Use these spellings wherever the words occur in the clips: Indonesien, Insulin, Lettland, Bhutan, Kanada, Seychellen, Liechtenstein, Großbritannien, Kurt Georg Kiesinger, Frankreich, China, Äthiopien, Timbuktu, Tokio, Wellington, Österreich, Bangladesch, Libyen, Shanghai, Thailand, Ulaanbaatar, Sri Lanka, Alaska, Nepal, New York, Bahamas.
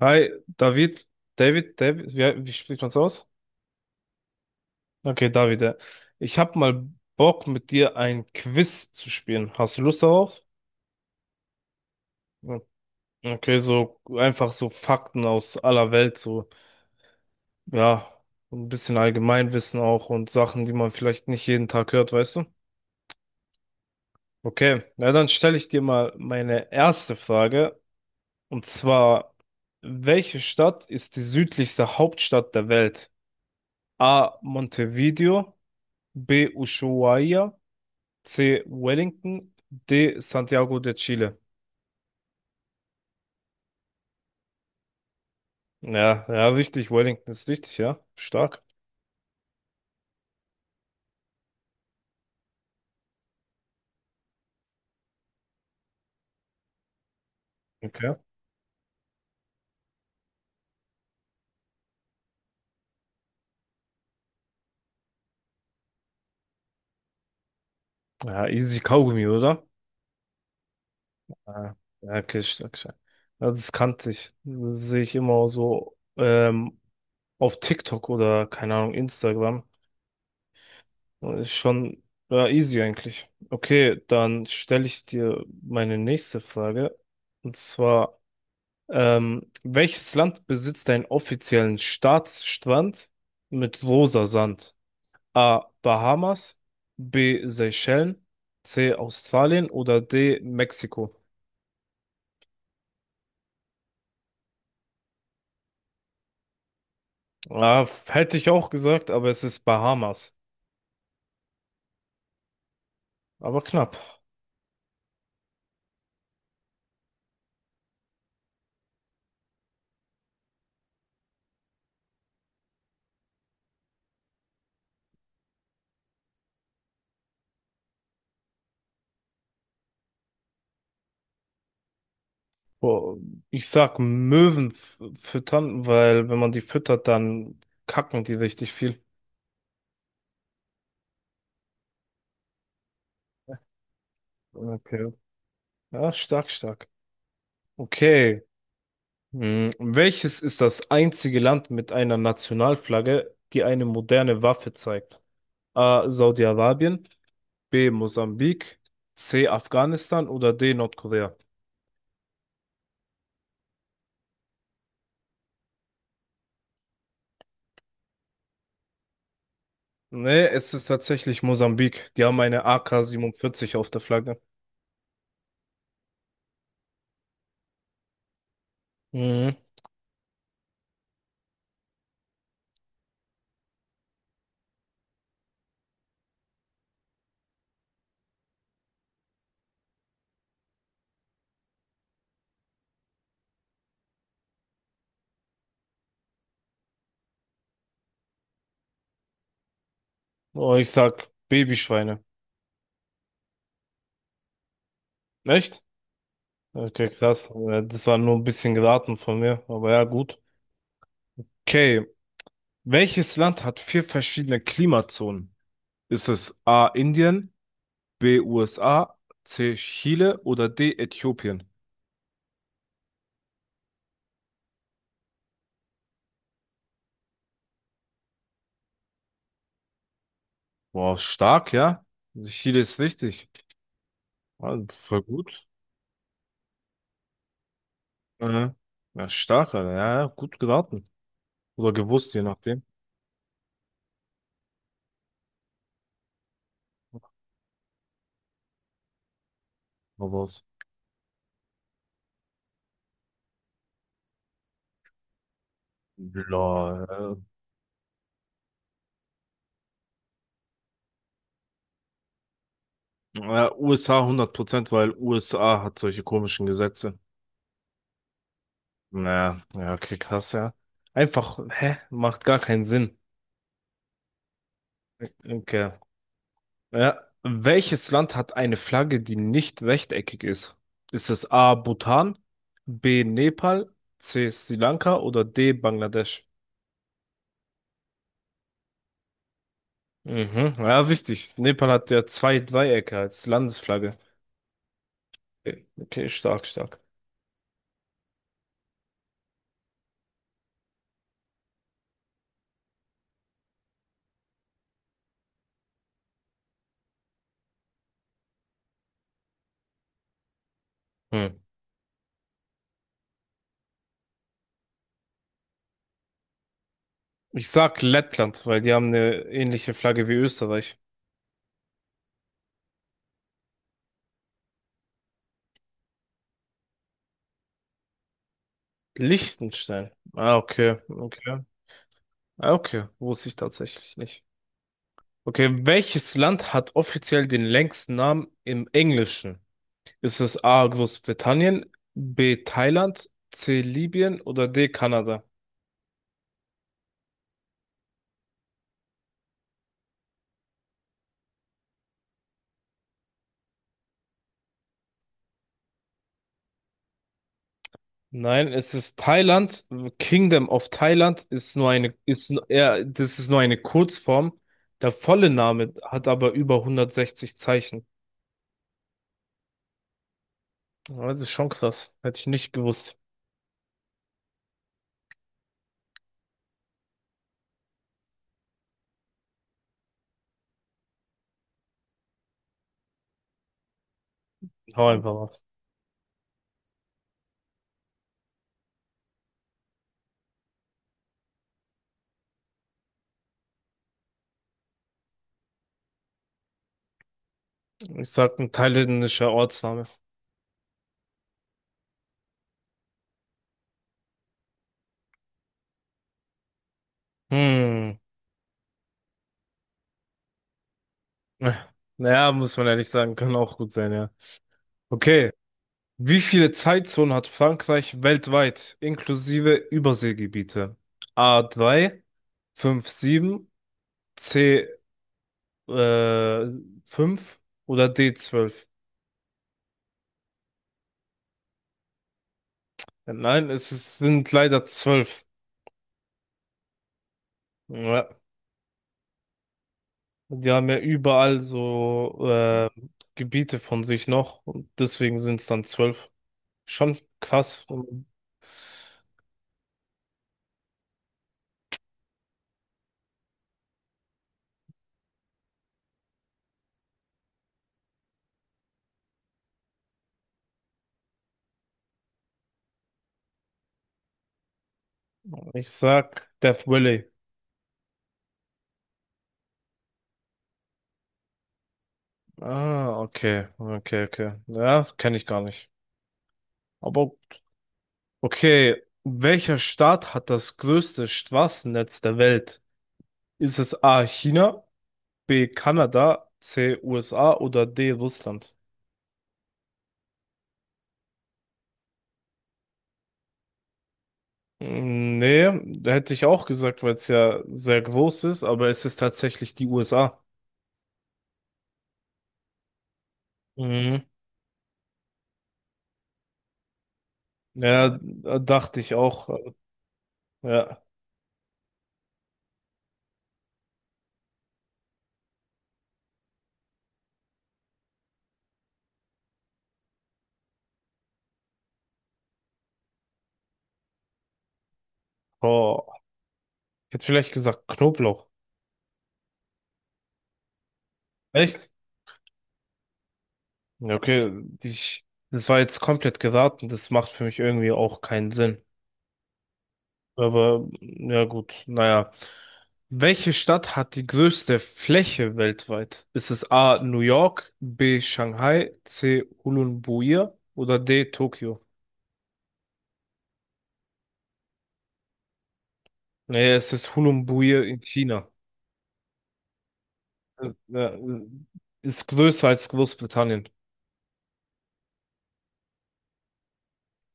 Hi, David, wie spricht man's aus? Okay, David, ja. Ich hab mal Bock, mit dir ein Quiz zu spielen. Hast du Lust darauf? Ja. Okay, so einfach so Fakten aus aller Welt, so, ja, so ein bisschen Allgemeinwissen auch und Sachen, die man vielleicht nicht jeden Tag hört, weißt du? Okay, na dann stelle ich dir mal meine erste Frage, und zwar, welche Stadt ist die südlichste Hauptstadt der Welt? A. Montevideo, B. Ushuaia, C. Wellington. D. Santiago de Chile. Ja, ja, richtig. Wellington ist richtig, ja. Stark. Okay. Ja, easy Kaugummi, oder? Ja, ja, okay, stark, stark. Ja, das kannte ich. Das sehe ich immer so auf TikTok oder, keine Ahnung, Instagram. Ist schon ja, easy eigentlich. Okay, dann stelle ich dir meine nächste Frage. Und zwar. Welches Land besitzt einen offiziellen Staatsstrand mit rosa Sand? A. Bahamas, B. Seychellen, C. Australien oder D. Mexiko? Ah, hätte ich auch gesagt, aber es ist Bahamas. Aber knapp. Boah, ich sag Möwen füttern, weil wenn man die füttert, dann kacken die richtig viel. Okay. Ja, stark, stark. Okay. Hm, welches ist das einzige Land mit einer Nationalflagge, die eine moderne Waffe zeigt? A. Saudi-Arabien, B. Mosambik, C. Afghanistan oder D. Nordkorea? Nee, es ist tatsächlich Mosambik. Die haben eine AK-47 auf der Flagge. Mhm. Oh, ich sag Babyschweine. Echt? Okay, krass. Das war nur ein bisschen geraten von mir, aber ja, gut. Okay, welches Land hat vier verschiedene Klimazonen? Ist es A. Indien? B. USA, C. Chile oder D. Äthiopien? Boah, stark, ja. Also Chile ist richtig. Also, voll gut. Äh, ja, stark, Alter. Ja, ja, gut geraten. Oder gewusst, je nachdem. Aber was? Lol. Ja, USA Prozent, weil USA hat solche komischen Gesetze. Naja, ja, okay, krass, ja. Einfach, hä? Macht gar keinen Sinn. Okay. Ja. Welches Land hat eine Flagge, die nicht rechteckig ist? Ist es A. Bhutan, B. Nepal, C. Sri Lanka oder D. Bangladesch? Mhm. Ja, wichtig. Nepal hat ja zwei Dreiecke als Landesflagge. Okay, okay, stark, stark. Hm. Ich sag Lettland, weil die haben eine ähnliche Flagge wie Österreich. Liechtenstein. Ah, okay, okay. Ah, okay, wusste ich tatsächlich nicht. Okay, welches Land hat offiziell den längsten Namen im Englischen? Ist es A. Großbritannien, B. Thailand, C. Libyen oder D. Kanada? Nein, es ist Thailand. Kingdom of Thailand ist nur eine, eher, das ist nur eine Kurzform. Der volle Name hat aber über 160 Zeichen. Ja, das ist schon krass. Hätte ich nicht gewusst. Hau einfach was. Ich sag ein thailändischer Ortsname. Hm. Naja, muss man ehrlich sagen, kann auch gut sein, ja. Okay. Wie viele Zeitzonen hat Frankreich weltweit, inklusive Überseegebiete? A3, 5, 7, C, äh, 5 oder d 12? Nein, es ist, sind leider zwölf. Ja. Die haben ja überall so Gebiete von sich noch und deswegen sind es dann 12. Schon krass. Und ich sag Death Valley. Ah, okay, okay, okay. Ja, kenne ich gar nicht. Aber okay, welcher Staat hat das größte Straßennetz der Welt? Ist es A China, B Kanada, C USA oder D Russland? Mm, nee, da hätte ich auch gesagt, weil es ja sehr groß ist, aber es ist tatsächlich die USA. Mhm. Ja, da dachte ich auch. Ja. Oh, ich hätte vielleicht gesagt Knoblauch. Echt? Ja, okay, das war jetzt komplett geraten. Das macht für mich irgendwie auch keinen Sinn. Aber ja gut, naja. Welche Stadt hat die größte Fläche weltweit? Ist es A. New York, B. Shanghai, C. Ulaanbaatar oder D. Tokio? Naja, es ist Ulaanbaatar in China. Ja, ist größer als Großbritannien.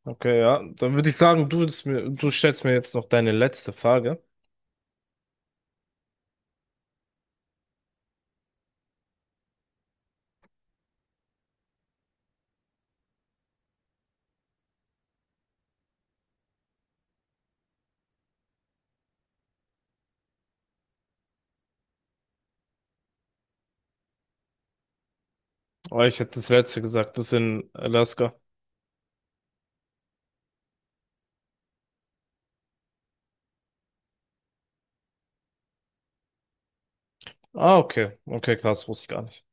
Okay, ja. Dann würde ich sagen, du stellst mir jetzt noch deine letzte Frage. Oh, ich hätte das letzte gesagt, das in Alaska. Ah, okay. Okay, krass, wusste ich gar nicht.